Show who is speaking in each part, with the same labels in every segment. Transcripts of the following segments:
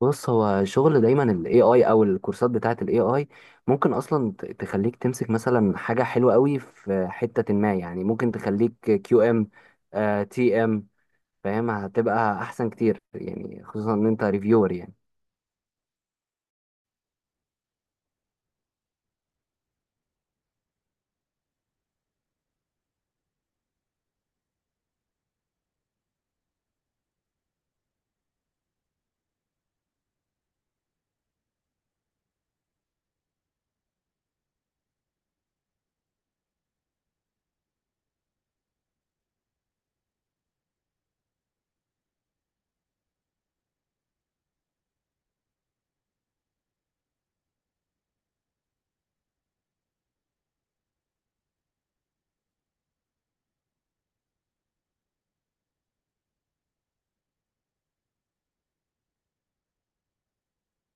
Speaker 1: بص، هو شغل دايما ال AI او الكورسات بتاعة ال AI ممكن اصلا تخليك تمسك مثلا حاجة حلوة قوي في حتة ما، يعني ممكن تخليك QM، TM، فاهم؟ هتبقى احسن كتير يعني، خصوصا ان انت ريفيور يعني.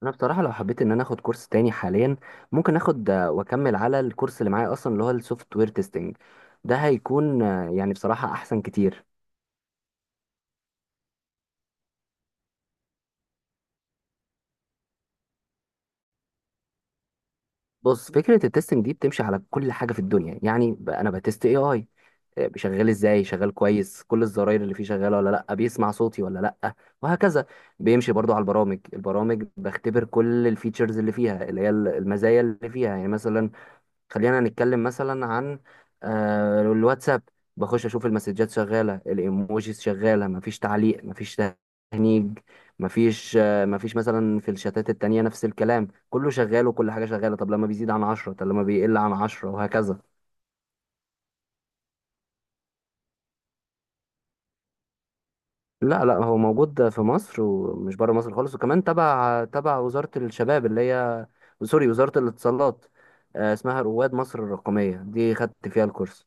Speaker 1: انا بصراحة لو حبيت ان انا اخد كورس تاني حاليا، ممكن اخد واكمل على الكورس اللي معايا اصلا، اللي هو السوفت وير تيستنج. ده هيكون يعني بصراحة احسن كتير. بص، فكرة التستنج دي بتمشي على كل حاجة في الدنيا، يعني انا بتست AI شغال ازاي، شغال كويس، كل الزراير اللي فيه شغاله ولا لا، بيسمع صوتي ولا لا، وهكذا. بيمشي برضو على البرامج بختبر كل الفيتشرز اللي فيها، اللي هي المزايا اللي فيها. يعني مثلا خلينا نتكلم مثلا عن الواتساب. بخش اشوف المسجات شغاله، الايموجيز شغاله، مفيش تعليق، مفيش تهنيج، مفيش مثلا في الشتات التانية نفس الكلام كله شغال، وكل حاجة شغالة. طب لما بيزيد عن 10، طب لما بيقل عن 10، وهكذا. لا لا، هو موجود في مصر، ومش بره مصر خالص. وكمان تبع وزارة الشباب اللي هي، سوري، وزارة الاتصالات. اسمها رواد مصر الرقمية، دي خدت فيها الكورس.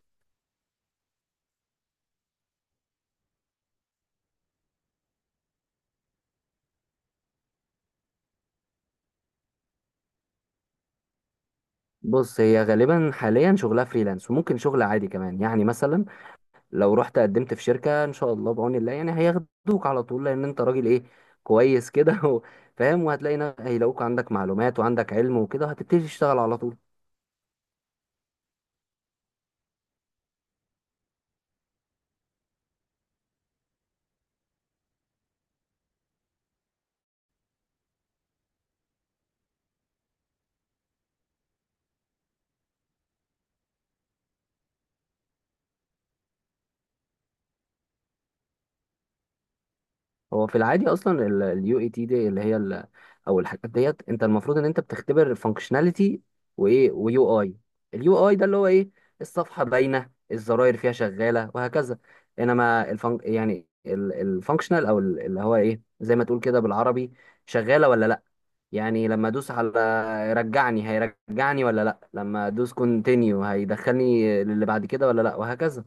Speaker 1: بص، هي غالبا حاليا شغلها فريلانس، وممكن شغل عادي كمان. يعني مثلا لو رحت قدمت في شركة ان شاء الله بعون الله، يعني هياخدوك على طول، لان انت راجل ايه، كويس كده فاهم. وهتلاقي هيلاقوك عندك معلومات وعندك علم وكده، هتبتدي تشتغل على طول. هو في العادي اصلا اليو اي تي دي، اللي هي ال، او الحاجات ديت، انت المفروض ان انت بتختبر فانكشناليتي وايه ويو اي. اليو اي ده اللي هو ايه؟ الصفحه باينه، الزراير فيها شغاله، وهكذا. انما الفن، يعني الفانكشنال او اللي هو ايه، زي ما تقول كده بالعربي، شغاله ولا لا. يعني لما ادوس على رجعني هيرجعني ولا لا، لما ادوس كونتينيو هيدخلني للي بعد كده ولا لا، وهكذا.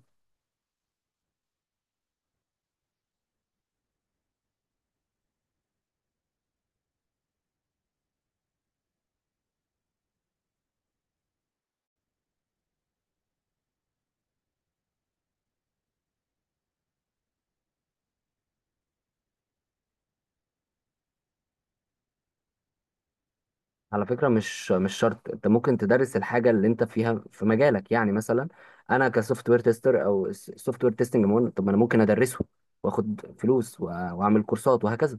Speaker 1: على فكرة، مش شرط. انت ممكن تدرس الحاجة اللي انت فيها في مجالك، يعني مثلا انا كسوفت وير تيستر او سوفت وير تيستنج، طب ما انا ممكن ادرسه، واخد فلوس واعمل كورسات وهكذا.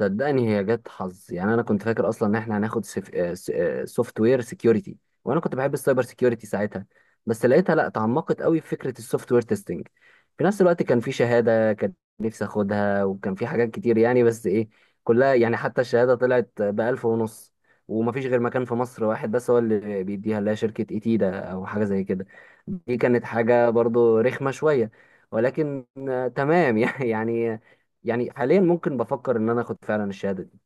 Speaker 1: صدقني هي جت حظ، يعني انا كنت فاكر اصلا ان احنا هناخد سوفت وير سكيورتي، وانا كنت بحب السايبر سكيورتي ساعتها. بس لقيتها لا، تعمقت قوي في فكره السوفت وير تيستنج. في نفس الوقت كان في شهاده كان نفسي اخدها، وكان في حاجات كتير يعني، بس ايه، كلها يعني. حتى الشهاده طلعت بألف ونص، ومفيش غير مكان في مصر واحد بس هو اللي بيديها، اللي هي شركه ايتيدا، او حاجه زي كده. دي كانت حاجه برضو رخمه شويه، ولكن تمام يعني. يعني حاليا ممكن بفكر ان انا اخد فعلا الشهاده دي.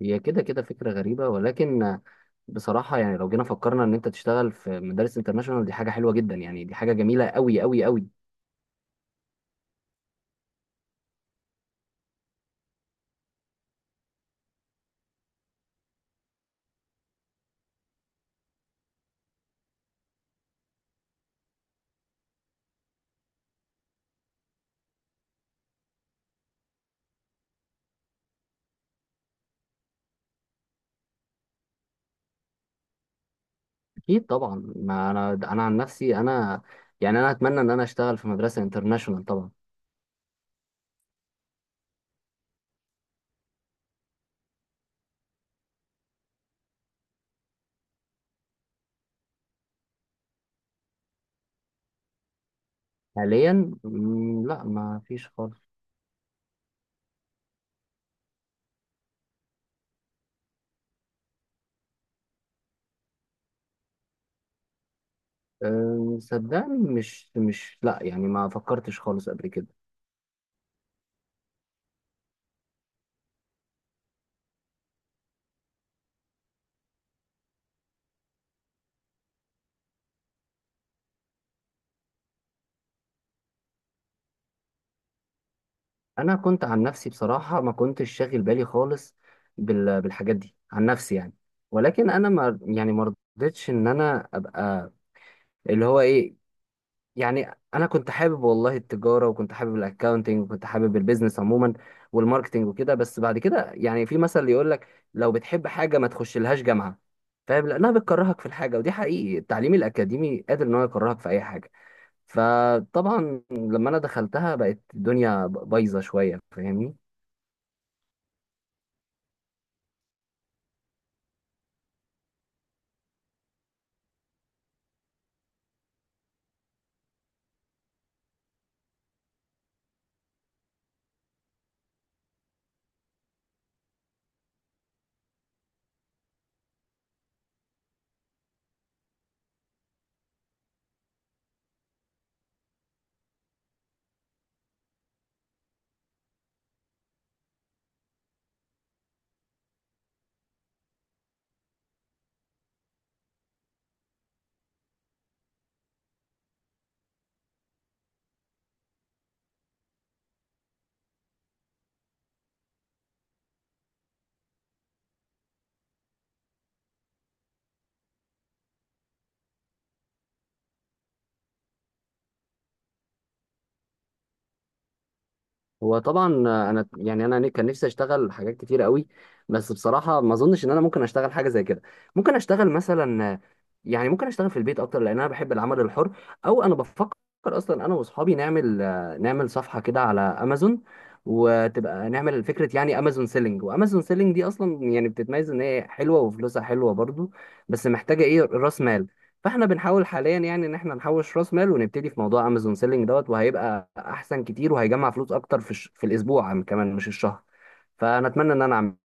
Speaker 1: هي كده كده فكره غريبه، ولكن بصراحه، يعني لو جينا فكرنا ان انت تشتغل في مدارس انترناشونال، دي حاجه حلوه جدا يعني، دي حاجه جميله قوي قوي قوي. اكيد طبعا، ما انا، انا عن نفسي انا، يعني انا اتمنى ان انا اشتغل في مدرسه انترناشونال طبعا. حاليا لا ما فيش خالص. صدقني مش مش لا، يعني ما فكرتش خالص قبل كده. انا كنت عن نفسي بصراحه ما كنتش شاغل بالي خالص بالحاجات دي عن نفسي يعني. ولكن انا ما، يعني ما رضيتش ان انا ابقى اللي هو ايه. يعني انا كنت حابب والله التجاره، وكنت حابب الاكاونتنج، وكنت حابب البيزنس عموما والماركتنج وكده. بس بعد كده يعني في مثل يقول لك، لو بتحب حاجه ما تخش لهاش جامعه، فاهم، لانها بتكرهك في الحاجه. ودي حقيقي، التعليم الاكاديمي قادر ان هو يكرهك في اي حاجه. فطبعا لما انا دخلتها بقت الدنيا بايظه شويه، فاهمني. هو طبعا انا، يعني انا كان نفسي اشتغل حاجات كتير قوي، بس بصراحه ما اظنش ان انا ممكن اشتغل حاجه زي كده. ممكن اشتغل مثلا، يعني ممكن اشتغل في البيت اكتر، لان انا بحب العمل الحر. او انا بفكر اصلا انا واصحابي نعمل صفحه كده على امازون، وتبقى نعمل فكره يعني امازون سيلينج. وامازون سيلينج دي اصلا يعني بتتميز ان هي حلوه وفلوسها حلوه برضو، بس محتاجه ايه، راس مال. فاحنا بنحاول حاليا يعني ان احنا نحوش راس مال ونبتدي في موضوع امازون سيلينج دوت، وهيبقى احسن كتير، وهيجمع فلوس اكتر في في الاسبوع، كمان مش الشهر. فانا اتمنى ان انا اعمل.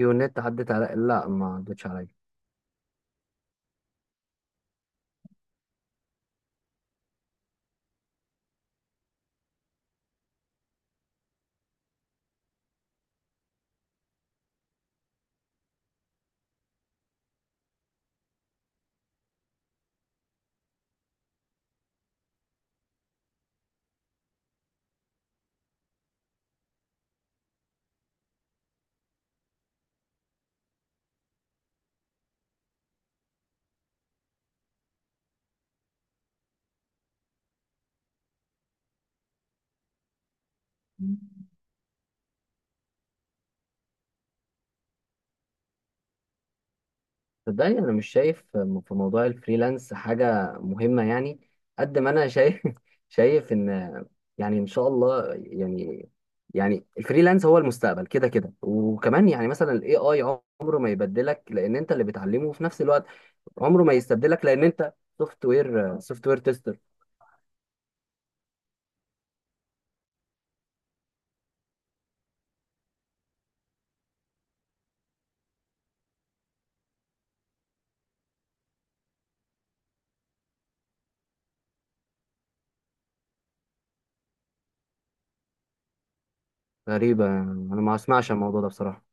Speaker 1: النت عدت على، لا ما عدتش عليا. صدقني انا مش شايف في موضوع الفريلانس حاجه مهمه يعني. قد ما انا شايف شايف ان، يعني ان شاء الله يعني. يعني الفريلانس هو المستقبل كده كده. وكمان يعني مثلا الاي اي عمره ما يبدلك، لان انت اللي بتعلمه في نفس الوقت. عمره ما يستبدلك لان انت سوفت وير تيستر. غريبه انا ما اسمعش عن الموضوع ده بصراحه.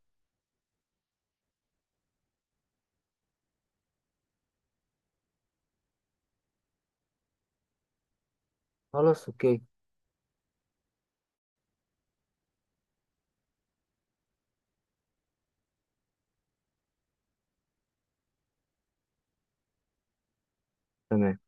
Speaker 1: خلاص اوكي. تمام.